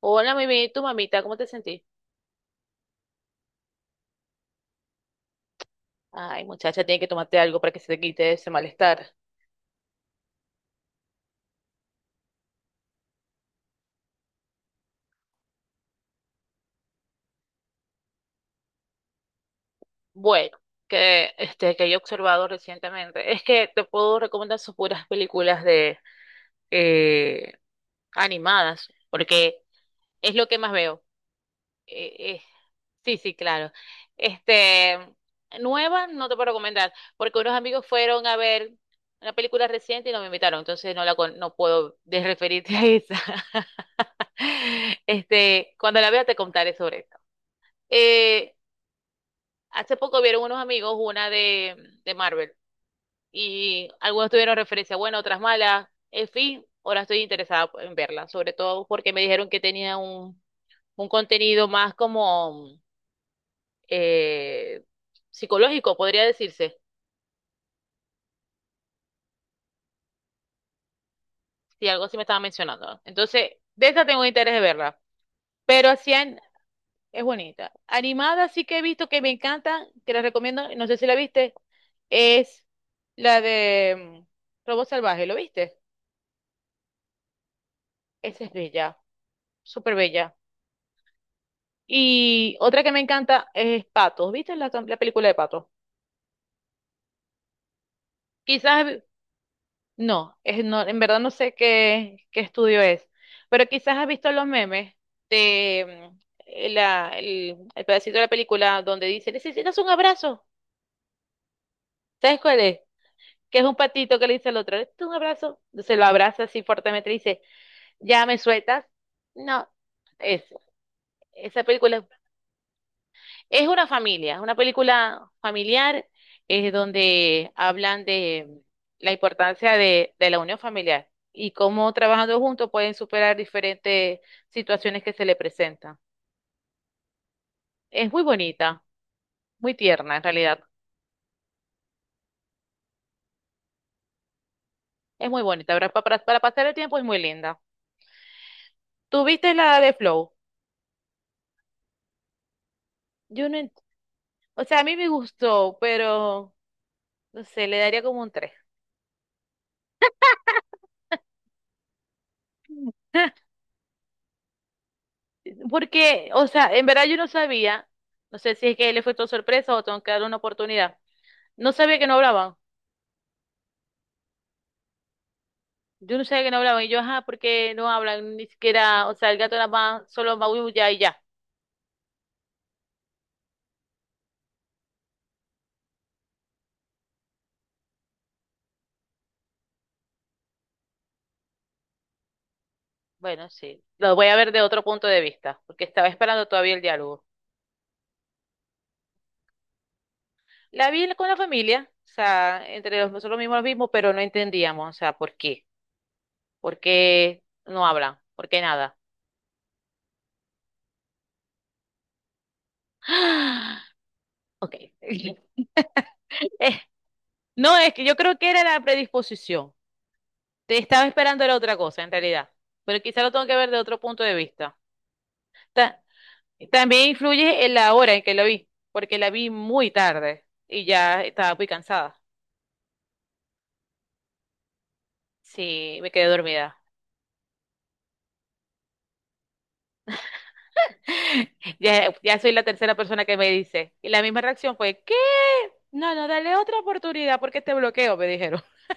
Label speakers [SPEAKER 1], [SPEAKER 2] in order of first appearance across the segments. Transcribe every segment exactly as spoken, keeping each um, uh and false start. [SPEAKER 1] Hola, mimi, tu mamita, ¿cómo te sentís? Ay, muchacha, tiene que tomarte algo para que se te quite ese malestar. Bueno, que este que yo he observado recientemente es que te puedo recomendar sus puras películas de eh, animadas, porque es lo que más veo. Eh, eh, sí, sí, claro. Este, nuevas no te puedo recomendar, porque unos amigos fueron a ver una película reciente y no me invitaron, entonces no la con- no puedo desreferirte a esa. Este, cuando la vea te contaré sobre esto. Eh, hace poco vieron unos amigos una de, de Marvel y algunos tuvieron referencia buena, otras malas. En fin, ahora estoy interesada en verla, sobre todo porque me dijeron que tenía un, un contenido más como eh, psicológico, podría decirse, si algo así me estaba mencionando. Entonces, de esta tengo interés de verla. Pero así. Es bonita. Animada sí que he visto que me encantan, que la recomiendo, no sé si la viste, es la de mm, Robot Salvaje, ¿lo viste? Esa es bella, súper bella. Y otra que me encanta es Patos, ¿viste la, la película de Patos? Quizás, no, es, no, en verdad no sé qué, qué estudio es, pero quizás has visto los memes de mm, la, el, el pedacito de la película donde dice, necesitas un abrazo, ¿sabes cuál es? Que es un patito que le dice al otro, ¿esto es un abrazo? Se lo abraza así fuertemente y dice, ¿ya me sueltas? No, es, esa película es es una familia, es una película familiar, es donde hablan de la importancia de, de la unión familiar y cómo trabajando juntos pueden superar diferentes situaciones que se le presentan. Es muy bonita, muy tierna en realidad, es muy bonita, para, para, para pasar el tiempo es muy linda. ¿Tuviste la de Flow? Yo no, en-. O sea, a mí me gustó, pero no sé, le daría como un tres. Porque, o sea, en verdad yo no sabía, no sé si es que le fue todo sorpresa o tengo que darle una oportunidad. No sabía que no hablaban. Yo no sabía que no hablaban. Y yo, ajá, ¿por qué no hablan? Ni siquiera, o sea, el gato nada más solo maulla y ya. Bueno, sí, lo voy a ver de otro punto de vista, porque estaba esperando todavía el diálogo. La vi con la familia, o sea, entre los, nosotros mismos lo mismo, pero no entendíamos, o sea, ¿por qué? ¿Por qué no hablan? ¿Por qué nada? Ok. Eh, no, es que yo creo que era la predisposición. Te estaba esperando era otra cosa, en realidad. Pero quizá lo tengo que ver de otro punto de vista. Ta- también influye en la hora en que lo vi, porque la vi muy tarde y ya estaba muy cansada. Sí, me quedé dormida. Ya, ya soy la tercera persona que me dice. Y la misma reacción fue, ¿qué? No, no, dale otra oportunidad porque te bloqueo, me dijeron.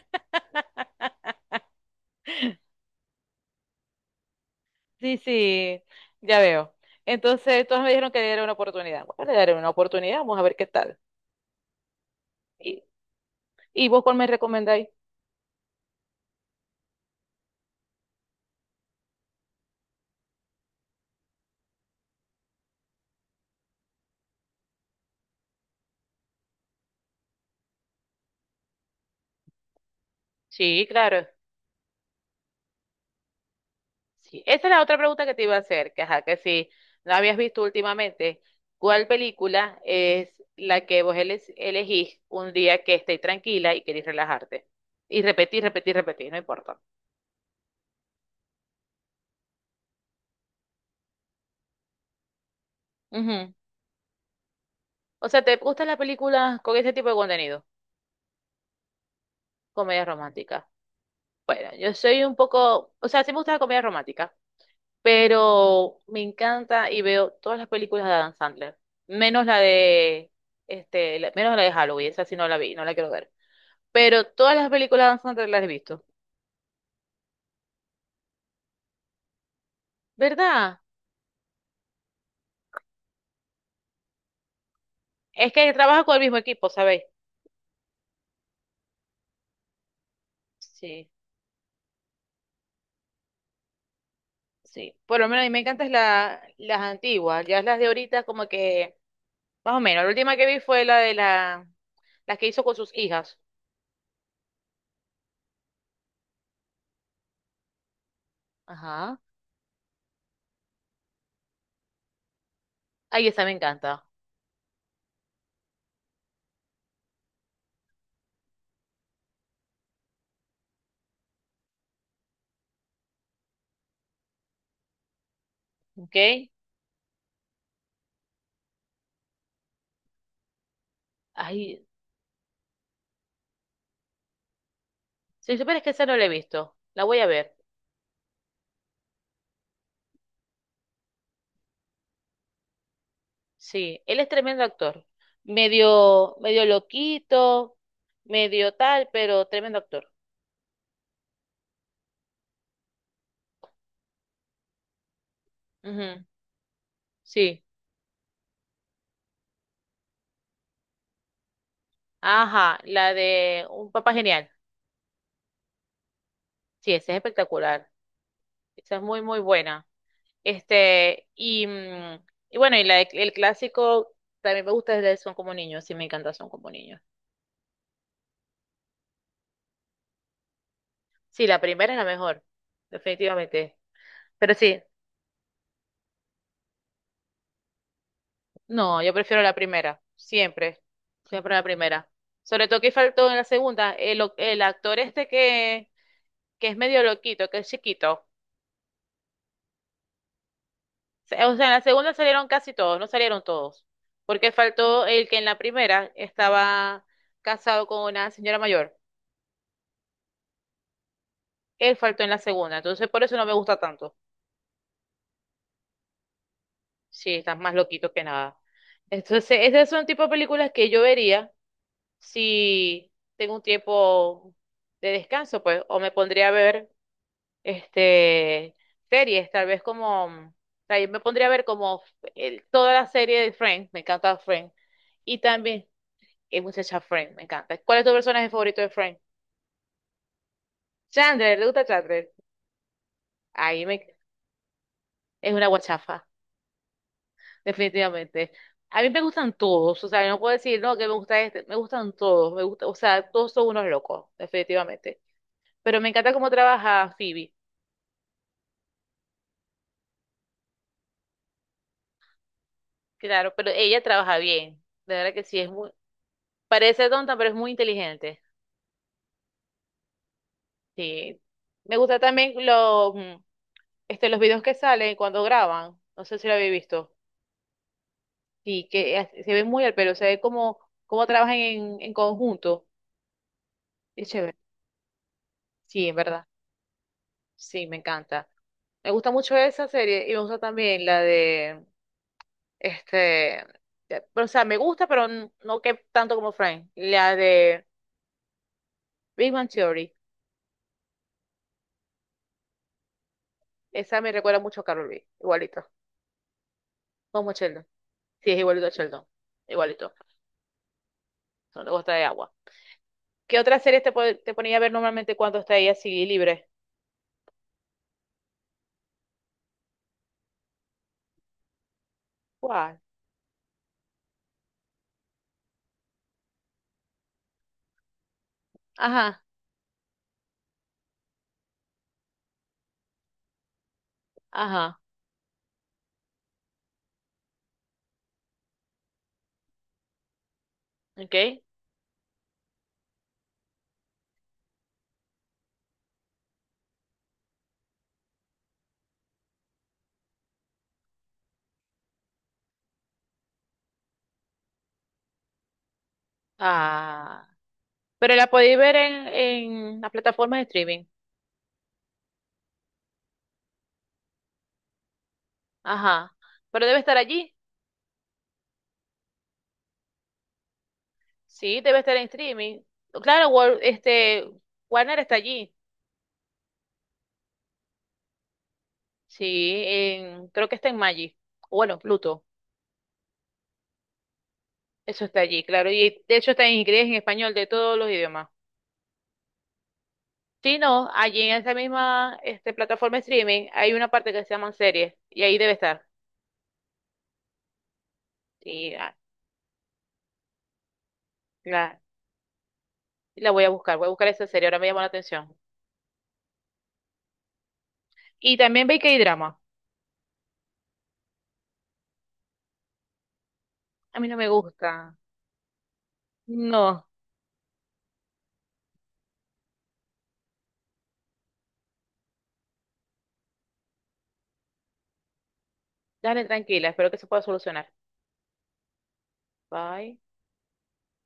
[SPEAKER 1] Sí, sí, ya veo. Entonces, todos me dijeron que le diera una oportunidad. Bueno, le daré una oportunidad, vamos a ver qué tal. ¿Y, ¿y vos cuál me recomendáis? Sí, claro. Sí. Esa es la otra pregunta que te iba a hacer, que ajá, que si no habías visto últimamente, ¿cuál película es la que vos eles- elegís un día que estés tranquila y querés relajarte? Y repetir, repetir, repetir, no importa. Ujú. O sea, ¿te gustan las películas con ese tipo de contenido? Comedia romántica. Bueno, yo soy un poco, o sea, sí me gusta la comedia romántica, pero me encanta y veo todas las películas de Adam Sandler, menos la de este, la- menos la de Halloween, esa sí no la vi, no la quiero ver. Pero todas las películas de Adam Sandler las he visto. ¿Verdad? Es que trabaja con el mismo equipo, ¿sabéis? Sí, sí. Por lo menos a mí me encantan la, las antiguas, ya las de ahorita como que más o menos. La última que vi fue la de la las que hizo con sus hijas. Ajá. Ay, esa me encanta. ¿Ok? Ay, si supieras que esa no la he visto, la voy a ver. Sí, él es tremendo actor. Medio, medio loquito, medio tal, pero tremendo actor. Ujú, sí. Ajá, la de Un Papá Genial. Sí, esa es espectacular. Esa es muy, muy buena. Este, y, mm, y bueno, y la de- el clásico también me gusta desde Son como niños. Sí, me encanta Son como niños. Sí, la primera es la mejor, definitivamente. Pero sí, no, yo prefiero la primera, siempre, siempre la primera. Sobre todo que faltó en la segunda, el, o- el actor este que, que es medio loquito, que es chiquito. Se- O sea, en la segunda salieron casi todos, no salieron todos, porque faltó el que en la primera estaba casado con una señora mayor. Él faltó en la segunda, entonces por eso no me gusta tanto. Sí, estás más loquito que nada. Entonces, ese es un tipo de películas que yo vería si tengo un tiempo de descanso, pues, o me pondría a ver este, series, tal vez como, o sea, yo me pondría a ver como el- toda la serie de Friends, me encanta Friends, y también, es muchacha Friends, me encanta. ¿Cuál es tu personaje favorito de Friends? Chandler, ¿le gusta Chandler? Ahí me, es una guachafa, definitivamente. A mí me gustan todos, o sea, no puedo decir, no, que me gusta este, me gustan todos, me gusta, o sea, todos son unos locos, definitivamente. Pero me encanta cómo trabaja Phoebe, claro, pero ella trabaja bien, de verdad que sí, es muy, parece tonta, pero es muy inteligente. Sí. Me gusta también los, este, los videos que salen cuando graban. No sé si lo habéis visto. Sí, que as- se ve muy al pelo, se ve como, como trabajan en, en conjunto. Es chévere. Sí, en verdad. Sí, me encanta. Me gusta mucho esa serie y me gusta también la de, este, de- pero, o sea, me gusta, pero n- no que tanto como Frank. La de Big Bang Theory. Esa me recuerda mucho a Carol B. Igualito. Como Sheldon. Sí, es igualito a Sheldon. Igualito. Son de gota de agua. ¿Qué otras series te, po- te ponía a ver normalmente cuando está así libre? ¿Cuál? Ajá, ajá, okay. Ah, pero la podéis ver en, en las plataformas de streaming. Ajá, pero debe estar allí. Sí, debe estar en streaming. Claro, Wal- este, Warner está allí. Sí, en- creo que está en Magic. Bueno, Pluto. Eso está allí, claro. Y de hecho está en inglés, en español, de todos los idiomas. Sí, no, allí en esa misma este, plataforma de streaming hay una parte que se llaman series y ahí debe estar. Y ah, la, la voy a buscar, voy a buscar esa serie, ahora me llamó la atención. Y también ve que hay drama. A mí no me gusta. No, dale tranquila, espero que se pueda solucionar. Bye.